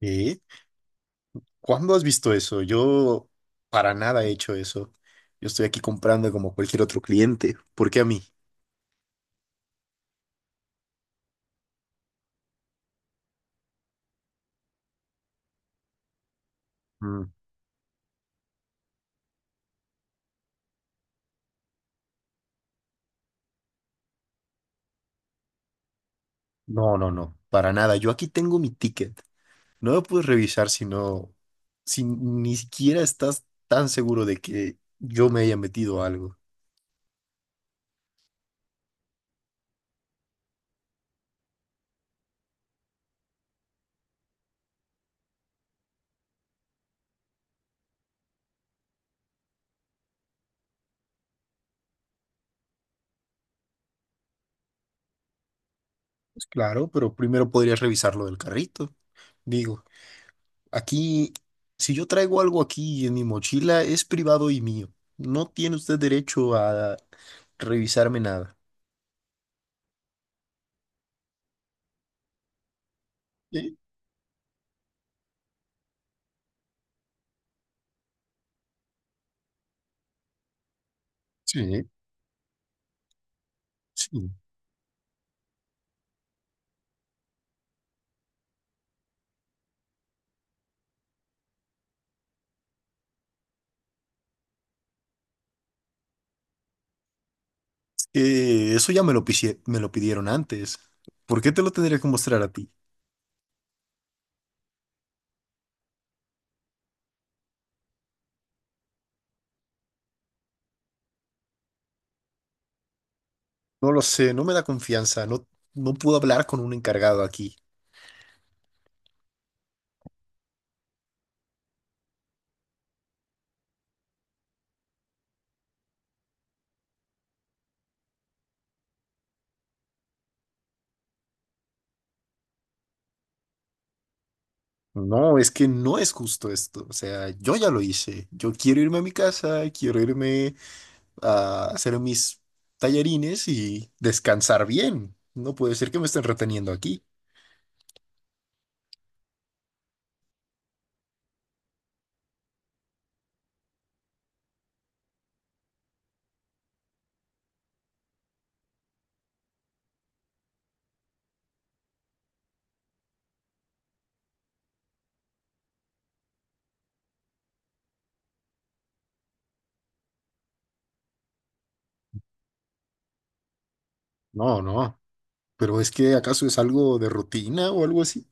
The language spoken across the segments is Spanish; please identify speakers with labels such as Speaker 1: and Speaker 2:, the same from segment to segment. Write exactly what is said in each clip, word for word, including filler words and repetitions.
Speaker 1: ¿Eh? ¿Cuándo has visto eso? Yo para nada he hecho eso. Yo estoy aquí comprando como cualquier otro cliente. ¿Por qué a mí? Mm, No, no, no, para nada. Yo aquí tengo mi ticket. No lo puedes revisar si no, si ni siquiera estás tan seguro de que yo me haya metido algo. Pues claro, pero primero podrías revisar lo del carrito. Digo, aquí, si yo traigo algo aquí en mi mochila, es privado y mío. No tiene usted derecho a revisarme nada. Sí, sí. Eh, eso ya me lo, pisie- me lo pidieron antes. ¿Por qué te lo tendría que mostrar a ti? No lo sé, no me da confianza. No, no puedo hablar con un encargado aquí. No, es que no es justo esto. O sea, yo ya lo hice. Yo quiero irme a mi casa, quiero irme a hacer mis tallarines y descansar bien. No puede ser que me estén reteniendo aquí. No, no. Pero es que ¿acaso es algo de rutina o algo así?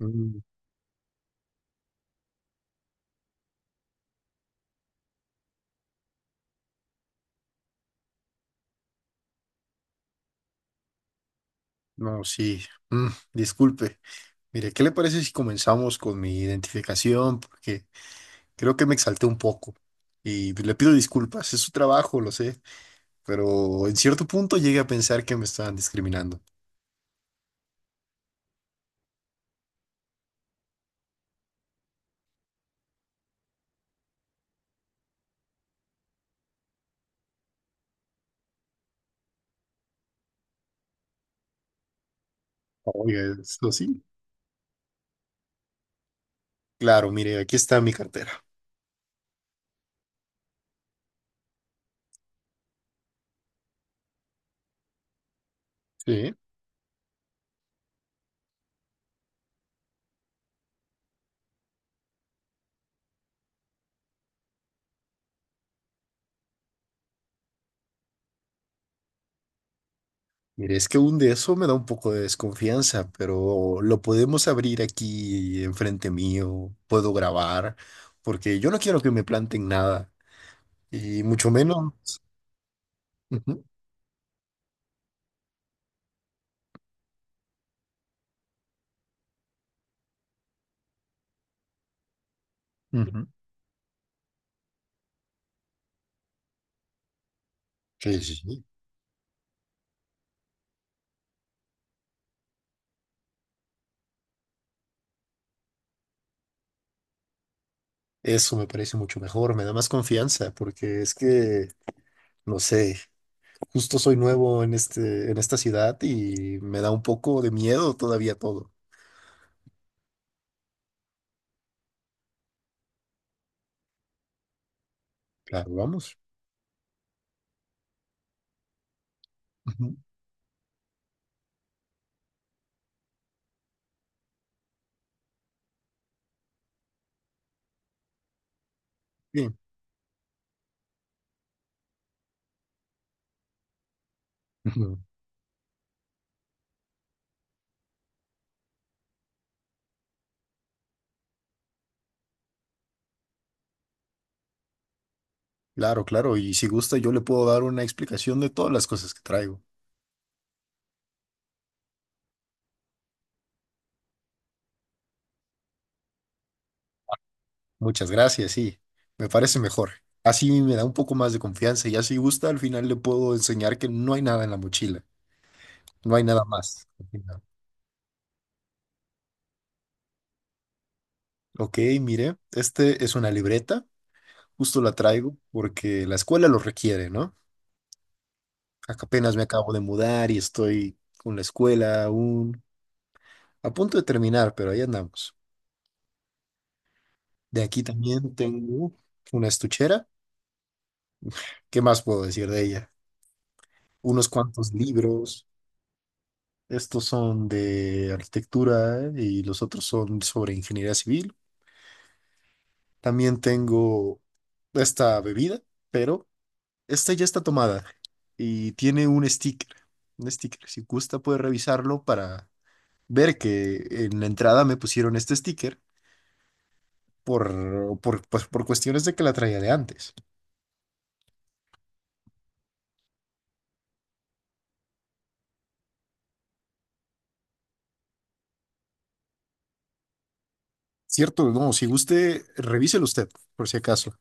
Speaker 1: Mm, no, sí. Mm, disculpe. Mire, ¿qué le parece si comenzamos con mi identificación? Porque creo que me exalté un poco. Y le pido disculpas, es su trabajo, lo sé. Pero en cierto punto llegué a pensar que me estaban discriminando. Oiga, esto sí. Claro, mire, aquí está mi cartera. Sí. Mire, es que un de eso me da un poco de desconfianza, pero lo podemos abrir aquí enfrente mío, puedo grabar, porque yo no quiero que me planten nada, y mucho menos. Ujú, ujú. Sí, sí, sí. Eso me parece mucho mejor, me da más confianza, porque es que, no sé, justo soy nuevo en este, en esta ciudad y me da un poco de miedo todavía todo. Claro, vamos. Ujú, bien. Claro, claro, y si gusta yo le puedo dar una explicación de todas las cosas que traigo. Muchas gracias, sí, me parece mejor. Así me da un poco más de confianza y así gusta al final le puedo enseñar que no hay nada en la mochila, no hay nada más. Al Ok, mire, este es una libreta, justo la traigo porque la escuela lo requiere, ¿no? Ac- Apenas me acabo de mudar y estoy con la escuela aún a punto de terminar, pero ahí andamos. De aquí también tengo una estuchera. ¿Qué más puedo decir de ella? Unos cuantos libros. Estos son de arquitectura y los otros son sobre ingeniería civil. También tengo esta bebida, pero esta ya está tomada y tiene un sticker. Un sticker. Si gusta, puede revisarlo para ver que en la entrada me pusieron este sticker por, por, pues, por cuestiones de que la traía de antes. Cierto, no, si guste, revíselo usted, por si acaso.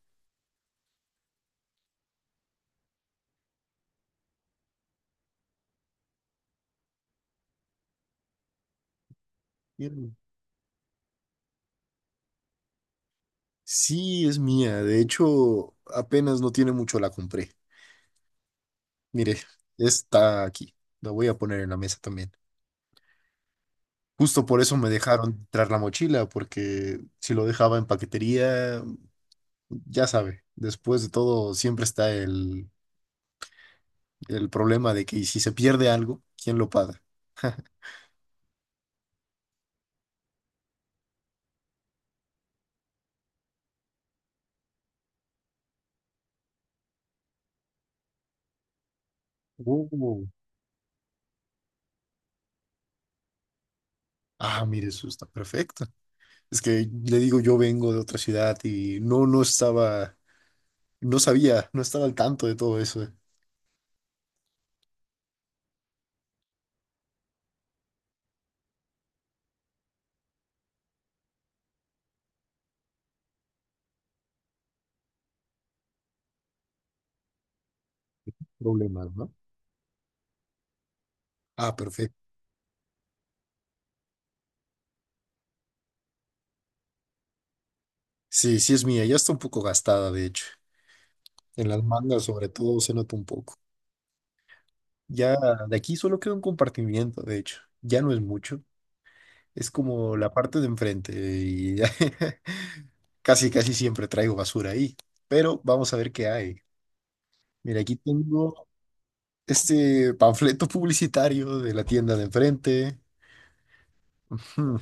Speaker 1: Sí, es mía. De hecho, apenas no tiene mucho la compré. Mire, está aquí. La voy a poner en la mesa también. Justo por eso me dejaron traer la mochila, porque si lo dejaba en paquetería, ya sabe, después de todo siempre está el, el problema de que si se pierde algo, ¿quién lo paga? Oh. Ah, mire, eso está perfecto. Es que le digo, yo vengo de otra ciudad y no, no estaba, no sabía, no estaba al tanto de todo ese problema, ¿no? Ah, perfecto. Sí, sí es mía, ya está un poco gastada, de hecho. En las mangas, sobre todo, se nota un poco. Ya de aquí solo queda un compartimiento, de hecho. Ya no es mucho. Es como la parte de enfrente y ya casi, casi siempre traigo basura ahí. Pero vamos a ver qué hay. Mira, aquí tengo este panfleto publicitario de la tienda de enfrente. Hmm,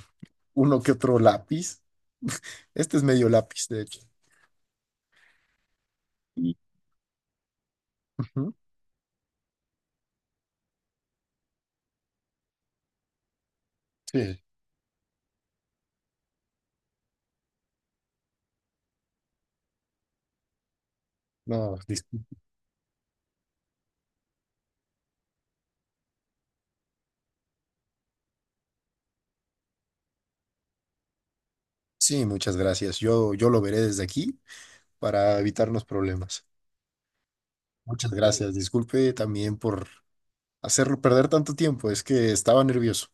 Speaker 1: Uno que otro lápiz. Este es medio lápiz, de hecho. Y- Ujú, sí, no, dis- sí, muchas gracias. Yo, yo lo veré desde aquí para evitarnos problemas. Muchas gracias. Disculpe también por hacerlo perder tanto tiempo. Es que estaba nervioso.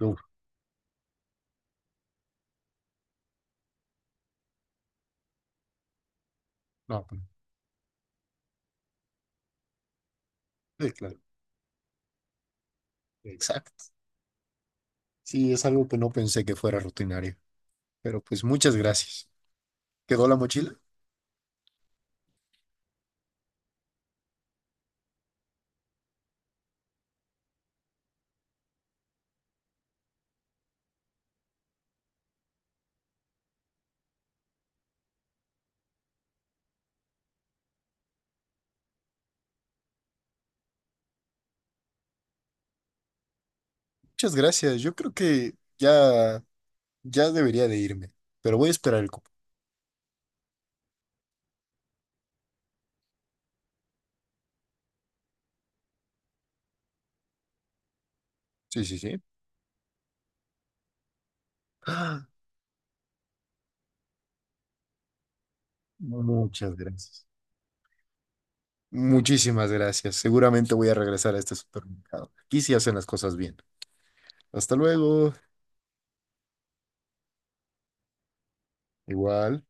Speaker 1: Uf, no, pues, sí, claro. Exacto. Sí, es algo que no pensé que fuera rutinario. Pero pues muchas gracias. ¿Quedó la mochila? Muchas gracias. Yo creo que ya, ya debería de irme. Pero voy a esperar el cupo. Sí, sí, sí. Ah, muchas gracias. Muchísimas gracias. Seguramente voy a regresar a este supermercado. Aquí sí hacen las cosas bien. Hasta luego. Igual.